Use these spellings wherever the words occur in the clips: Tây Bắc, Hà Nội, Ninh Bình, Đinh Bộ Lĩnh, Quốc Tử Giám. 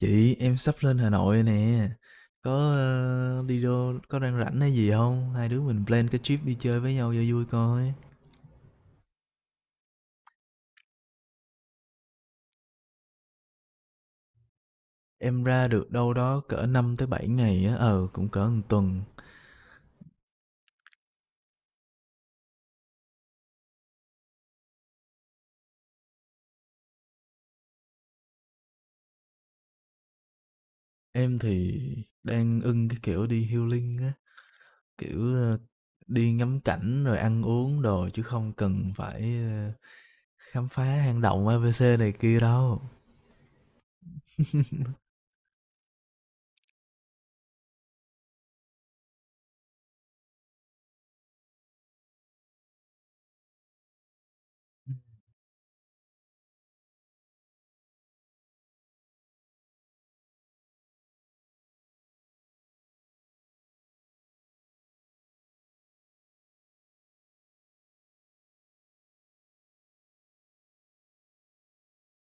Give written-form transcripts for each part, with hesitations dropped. Chị, em sắp lên Hà Nội nè. Có đi đâu có đang rảnh hay gì không? Hai đứa mình plan cái trip đi chơi với nhau cho vui coi. Em ra được đâu đó cỡ 5 tới 7 ngày á, cũng cỡ một tuần. Em thì đang ưng cái kiểu đi healing á, kiểu đi ngắm cảnh rồi ăn uống đồ chứ không cần phải khám phá hang động ABC này kia đâu.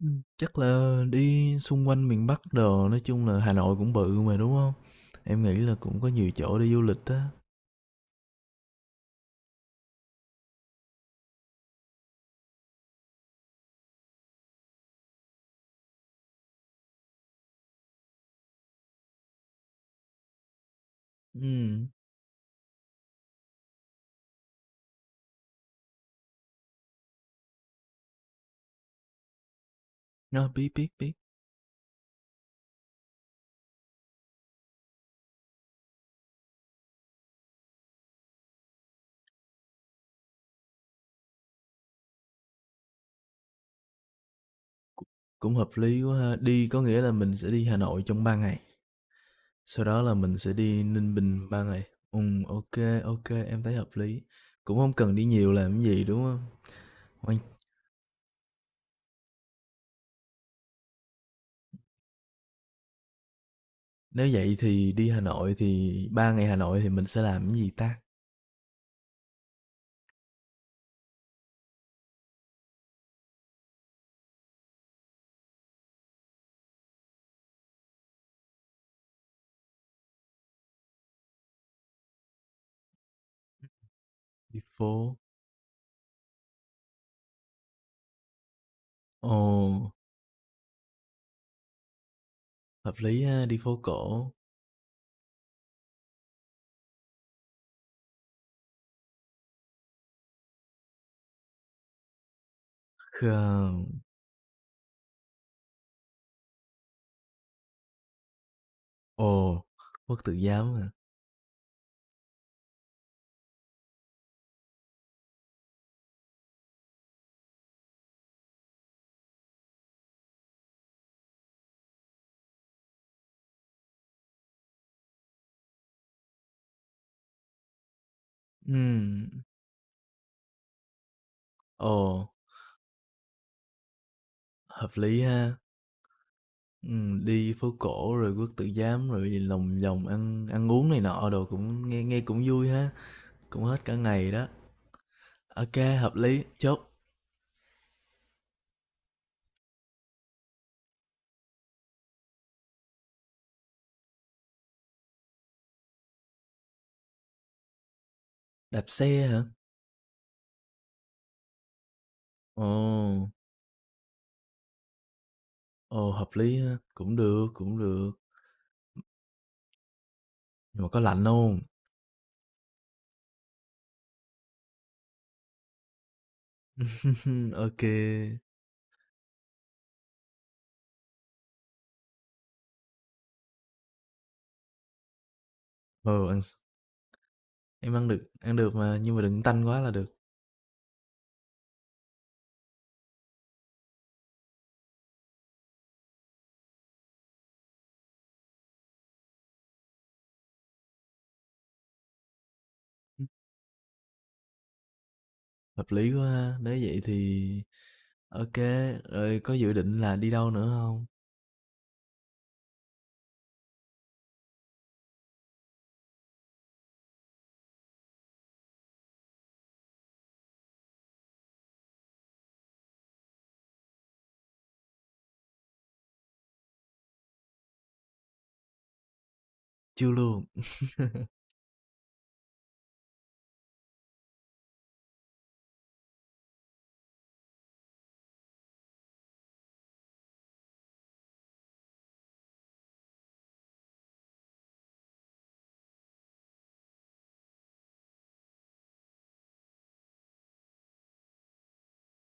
Chắc là đi xung quanh miền Bắc đồ, nói chung là Hà Nội cũng bự mà, đúng không? Em nghĩ là cũng có nhiều chỗ đi du lịch á. Ừm, nó biết, biết, biết, cũng hợp lý quá ha. Đi có nghĩa là mình sẽ đi Hà Nội trong 3 ngày, sau đó là mình sẽ đi Ninh Bình 3 ngày. Ok. Ok, em thấy hợp lý, cũng không cần đi nhiều làm cái gì, đúng không? Quan, nếu vậy thì đi Hà Nội thì 3 ngày Hà Nội thì mình sẽ làm cái gì ta? Đi phố, ồ, hợp lý ha, đi phố cổ. Khờ. Ồ, Quốc Tử Giám hả? Ừm. Ồ, hợp lý ha. Đi phố cổ rồi Quốc Tử Giám rồi gì lòng vòng ăn ăn uống này nọ đồ cũng nghe nghe cũng vui ha, cũng hết cả ngày đó. Ok, hợp lý, chốt. Đạp xe hả? Ồ, ồ, hợp lý ha, cũng được, nhưng mà có lạnh không? Ok, kê, ừ, ăn s, em ăn được mà, nhưng mà đừng tanh quá là được. Hợp lý quá ha, nếu vậy thì OK, rồi có dự định là đi đâu nữa hông? Chưa luôn?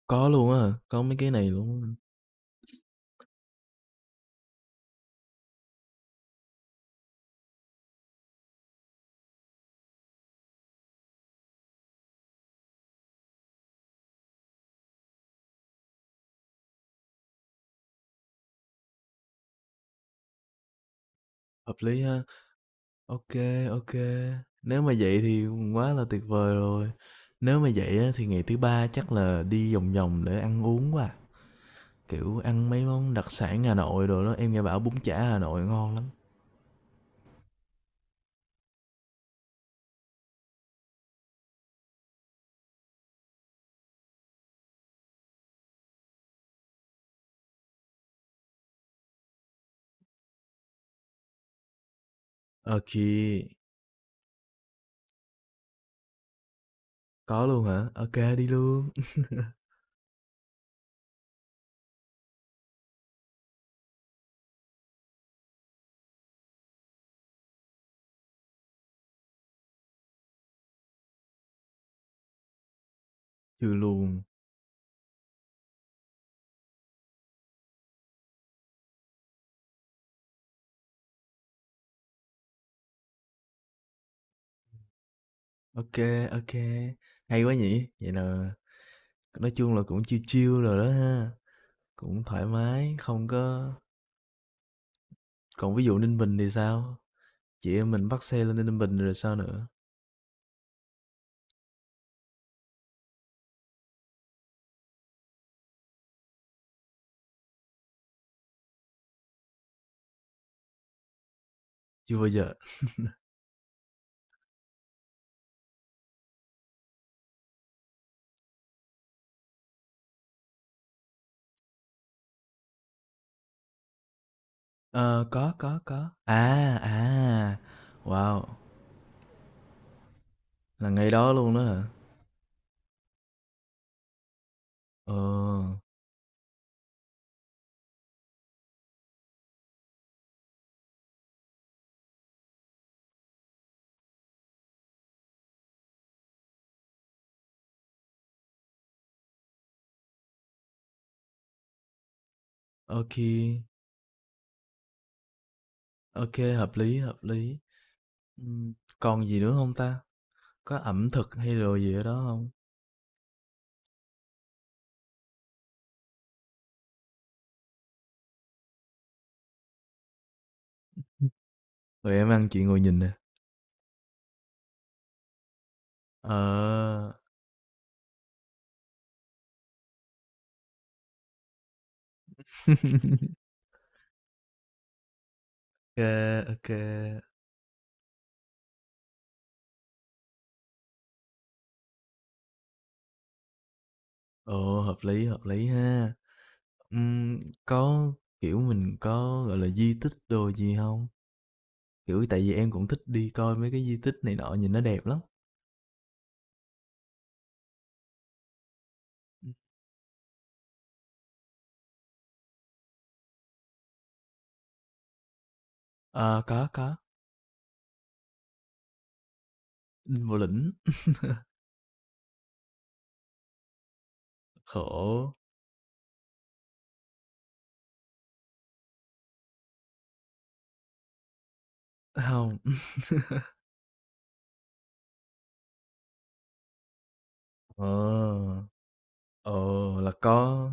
Có luôn á hả? Có mấy cái này luôn á hả? Hợp lý ha. OK, OK. Nếu mà vậy thì quá là tuyệt vời rồi. Nếu mà vậy á thì ngày thứ Ba chắc là đi vòng vòng để ăn uống quá à, kiểu, ăn mấy món đặc sản Hà Nội đồ đó, em nghe bảo bún chả Hà Nội ngon lắm. Ô kê, có luôn hả? OK, đi luôn. Chưa luôn. OK, OK. Hay quá nhỉ? Vậy là nói chung là cũng chill chill rồi đó ha, cũng thoải mái, không có. Còn ví dụ Ninh Bình thì sao? Chị em mình bắt xe lên Ninh Bình rồi sao nữa? Chưa bao giờ. Ờ, có, có. À, à, wow, là ngày đó luôn đó hả? Ờ, ok, kê, hợp lý, hợp lý. Ừm, còn gì nữa không ta? Có ẩm thực hay đồ gì ở đó không? Tụi em ăn chị ngồi nhìn nè. Ờ. ok, kê, ô, ồ, hợp lý ha. Ừm, có, kiểu, mình có, gọi là, di tích đồ gì không? Kiểu, tại vì em cũng thích đi coi mấy cái di tích này nọ, nhìn nó đẹp lắm. Ừm, ờ, có, Đinh Bộ Lĩnh. Khổ. Không. Ờ, ờ, là có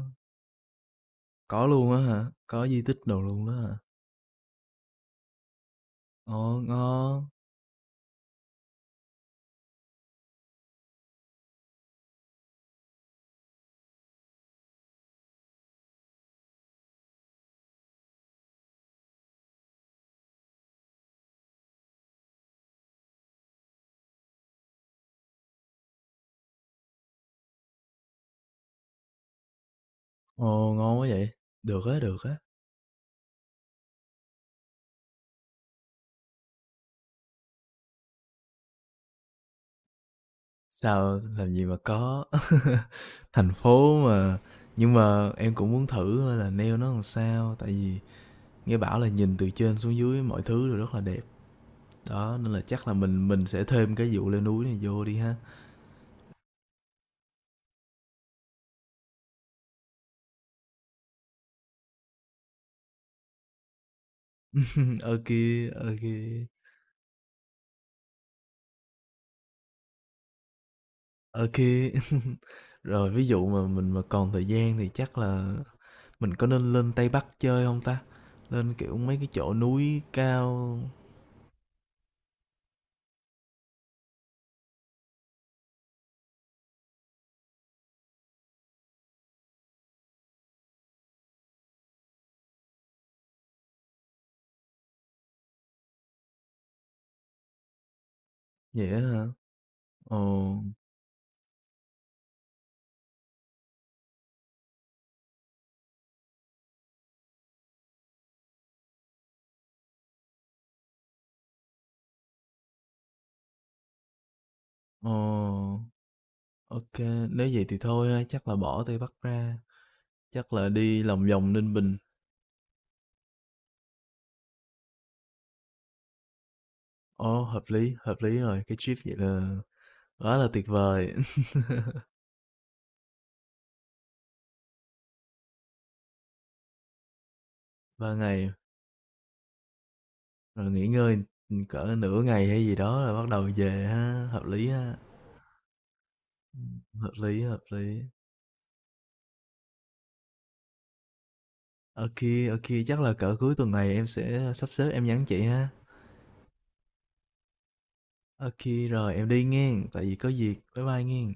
có luôn á hả? Có di tích đồ luôn đó hả? Ồ, ngon, ồ, ngon quá vậy, được á, sao làm gì mà có. Thành phố mà, nhưng mà em cũng muốn thử coi là nail nó làm sao, tại vì nghe bảo là nhìn từ trên xuống dưới mọi thứ đều rất là đẹp. Đó, nên là chắc là mình sẽ thêm cái vụ leo núi này vô đi ha. Ok, ok, ok. Rồi ví dụ mà mình mà còn thời gian thì chắc là mình có nên lên Tây Bắc chơi không ta? Lên, kiểu, mấy cái chỗ núi cao, vậy á hả? Ồ, ồ, ok, nếu vậy thì thôi ha, chắc là bỏ Tây Bắc ra, chắc là đi lòng vòng Ninh Bình. Ồ, hợp lý rồi, cái trip vậy là quá là tuyệt vời. Ba ngày, rồi nghỉ ngơi, ừ, cỡ nửa ngày hay gì đó rồi bắt đầu về ha, hợp lý, hợp lý. Ok, ok, chắc là cỡ cuối tuần này em sẽ sắp xếp em nhắn chị ha. Ô, rồi em đi nghen, tại vì có việc. Bye bye nghen.